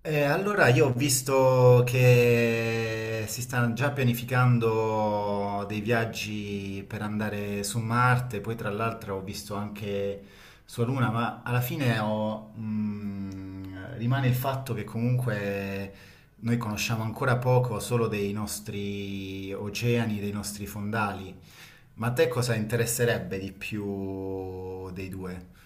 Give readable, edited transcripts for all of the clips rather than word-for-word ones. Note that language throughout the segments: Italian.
Allora io ho visto che si stanno già pianificando dei viaggi per andare su Marte, poi tra l'altro ho visto anche sulla Luna, ma alla fine rimane il fatto che comunque noi conosciamo ancora poco solo dei nostri oceani, dei nostri fondali. Ma a te cosa interesserebbe di più dei due?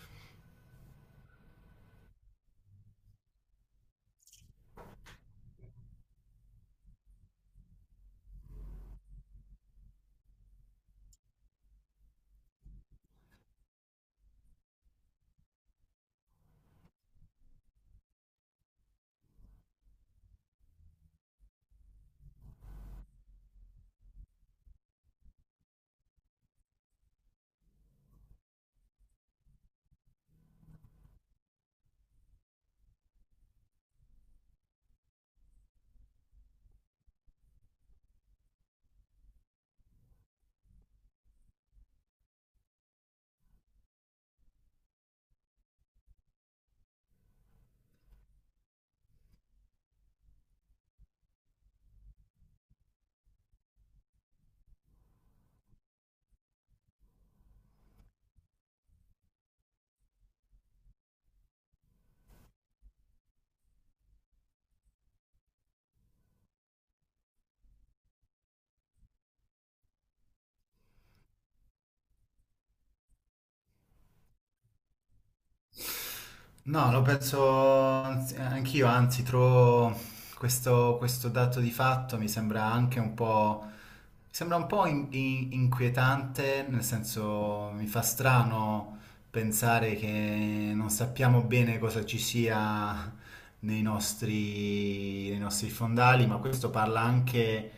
No, lo penso anch'io, anzi, trovo questo dato di fatto mi sembra anche un mi sembra un po' inquietante, nel senso mi fa strano pensare che non sappiamo bene cosa ci sia nei nostri fondali, ma questo parla anche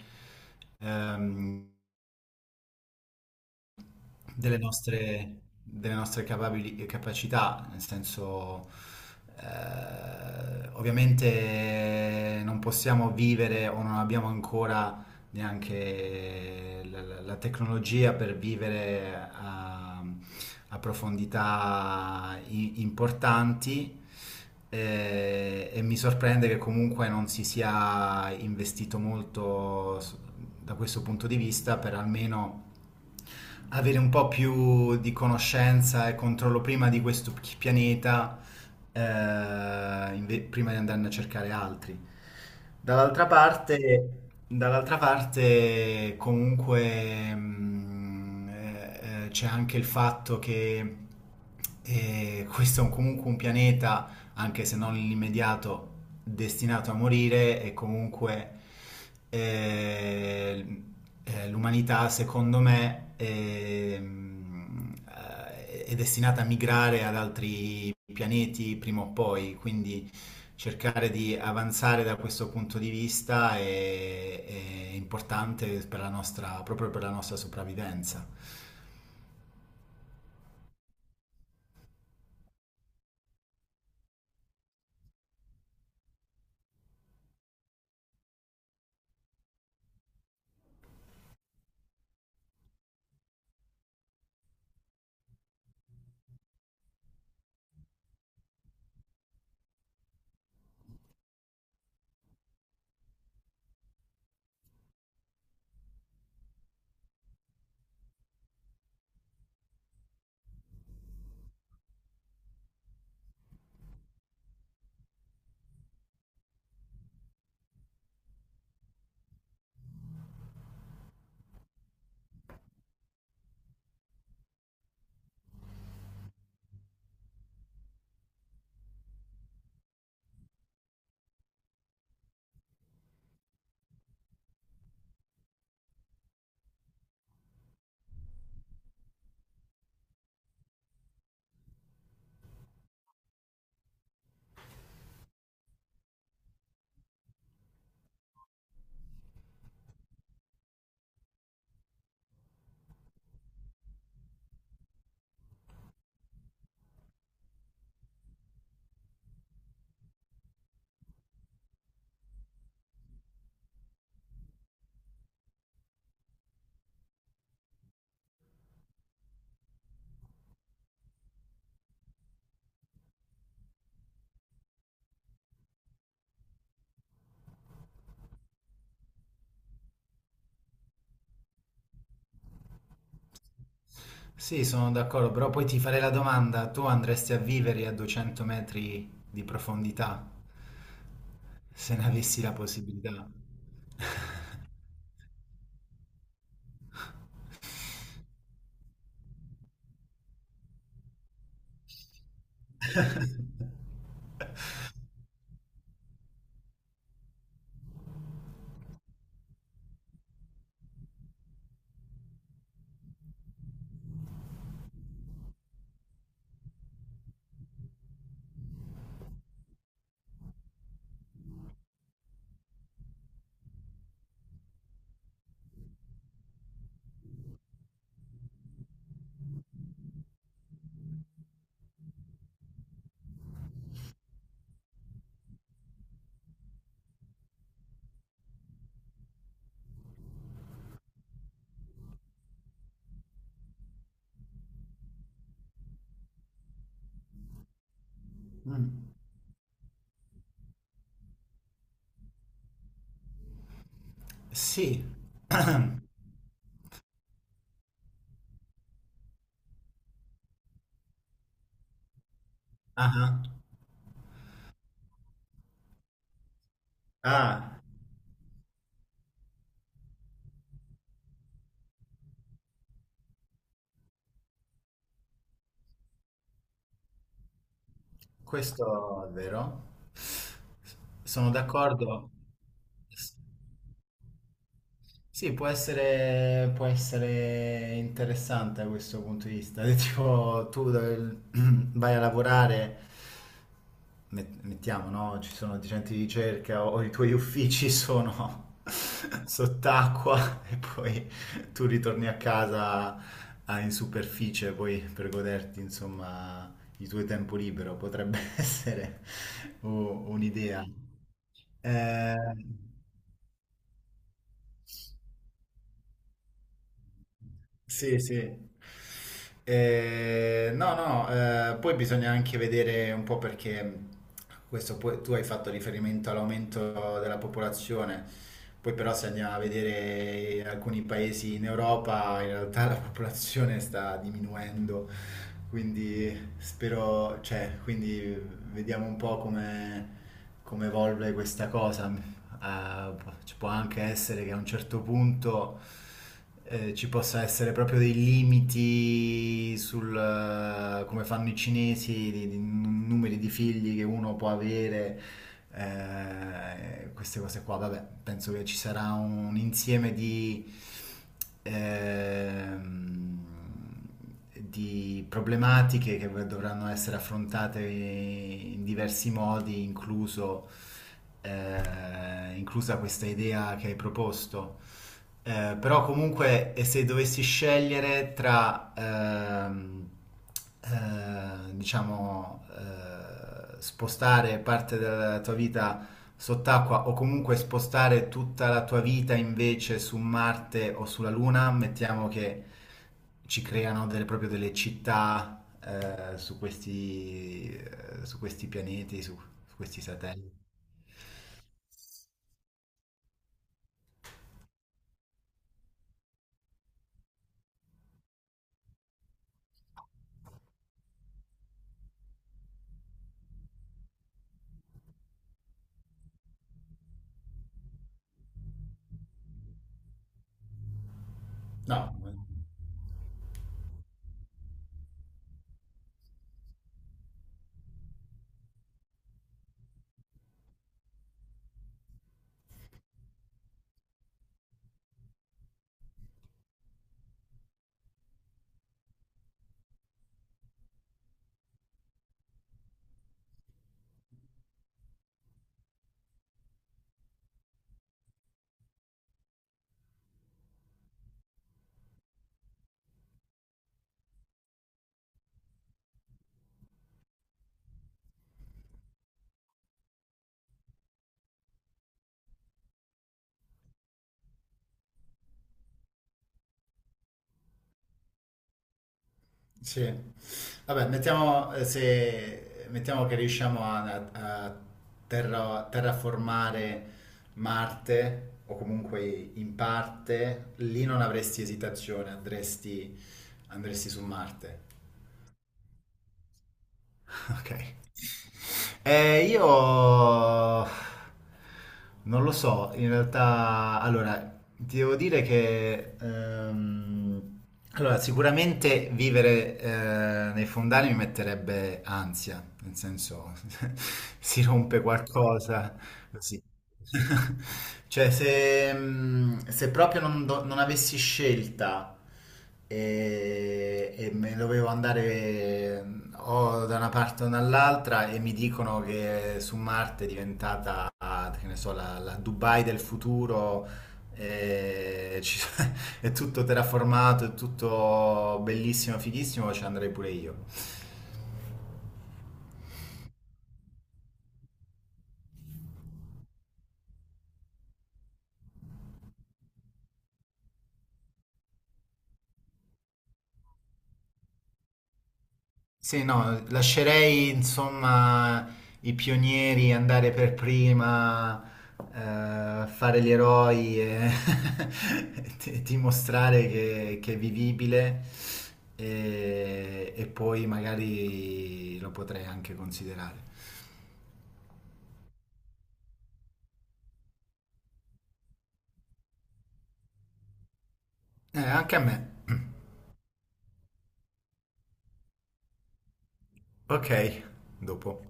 ehm, delle nostre, delle nostre capacità, nel senso, ovviamente non possiamo vivere o non abbiamo ancora neanche la tecnologia per vivere a, a profondità importanti. E mi sorprende che comunque non si sia investito molto da questo punto di vista per almeno avere un po' più di conoscenza e controllo prima di questo pianeta, prima di andarne a cercare altri. Dall'altra parte, dall'altra parte comunque c'è anche il fatto che questo è comunque un pianeta, anche se non l'immediato, destinato a morire, e comunque eh, l'umanità secondo me è destinata a migrare ad altri pianeti prima o poi, quindi cercare di avanzare da questo punto di vista è importante per proprio per la nostra sopravvivenza. Sì, sono d'accordo, però poi ti farei la domanda, tu andresti a vivere a 200 metri di profondità se ne avessi la possibilità? Mm, sì. Ah, ah, questo è vero. Sono d'accordo. Sì, può essere interessante da questo punto di vista. Tipo, tu vai a lavorare, mettiamo, no? Ci sono dei centri di ricerca o i tuoi uffici sono sott'acqua e poi tu ritorni a casa, ah, in superficie poi per goderti, insomma, il tuo tempo libero. Potrebbe essere u- un'idea. Eh, Sì, sì. No, no, poi bisogna anche vedere un po' perché questo tu hai fatto riferimento all'aumento della popolazione, poi però se andiamo a vedere in alcuni paesi in Europa, in realtà la popolazione sta diminuendo, quindi spero, cioè, quindi vediamo un po' come, come evolve questa cosa. eh, Ci può anche essere che a un certo punto ci possa essere proprio dei limiti sul come fanno i cinesi, di numeri di figli che uno può avere, queste cose qua. Vabbè, penso che ci sarà un insieme ehm, di problematiche che dovranno essere affrontate in diversi modi, incluso, inclusa questa idea che hai proposto, però comunque, e se dovessi scegliere tra, diciamo, spostare parte della tua vita sott'acqua o comunque spostare tutta la tua vita invece su Marte o sulla Luna, mettiamo che ci creano delle, proprio delle città su questi pianeti, su questi satelliti. No. Sì, vabbè, mettiamo, se, mettiamo che riusciamo a terraformare Marte o comunque in parte, lì non avresti esitazione, andresti, andresti su Marte. Ok. Io non lo so, in realtà, allora, ti devo dire che allora, sicuramente vivere nei fondali mi metterebbe ansia, nel senso si rompe qualcosa, così. Cioè, se proprio non, non avessi scelta e me dovevo andare o da una parte o dall'altra e mi dicono che su Marte è diventata, che ne so, la Dubai del futuro e è tutto terraformato, è tutto bellissimo, fighissimo, ci andrei pure io. Sì, no, lascerei insomma i pionieri andare per prima, fare gli eroi e dimostrare che è vivibile e poi magari lo potrei anche considerare. Anche a me. Ok, dopo.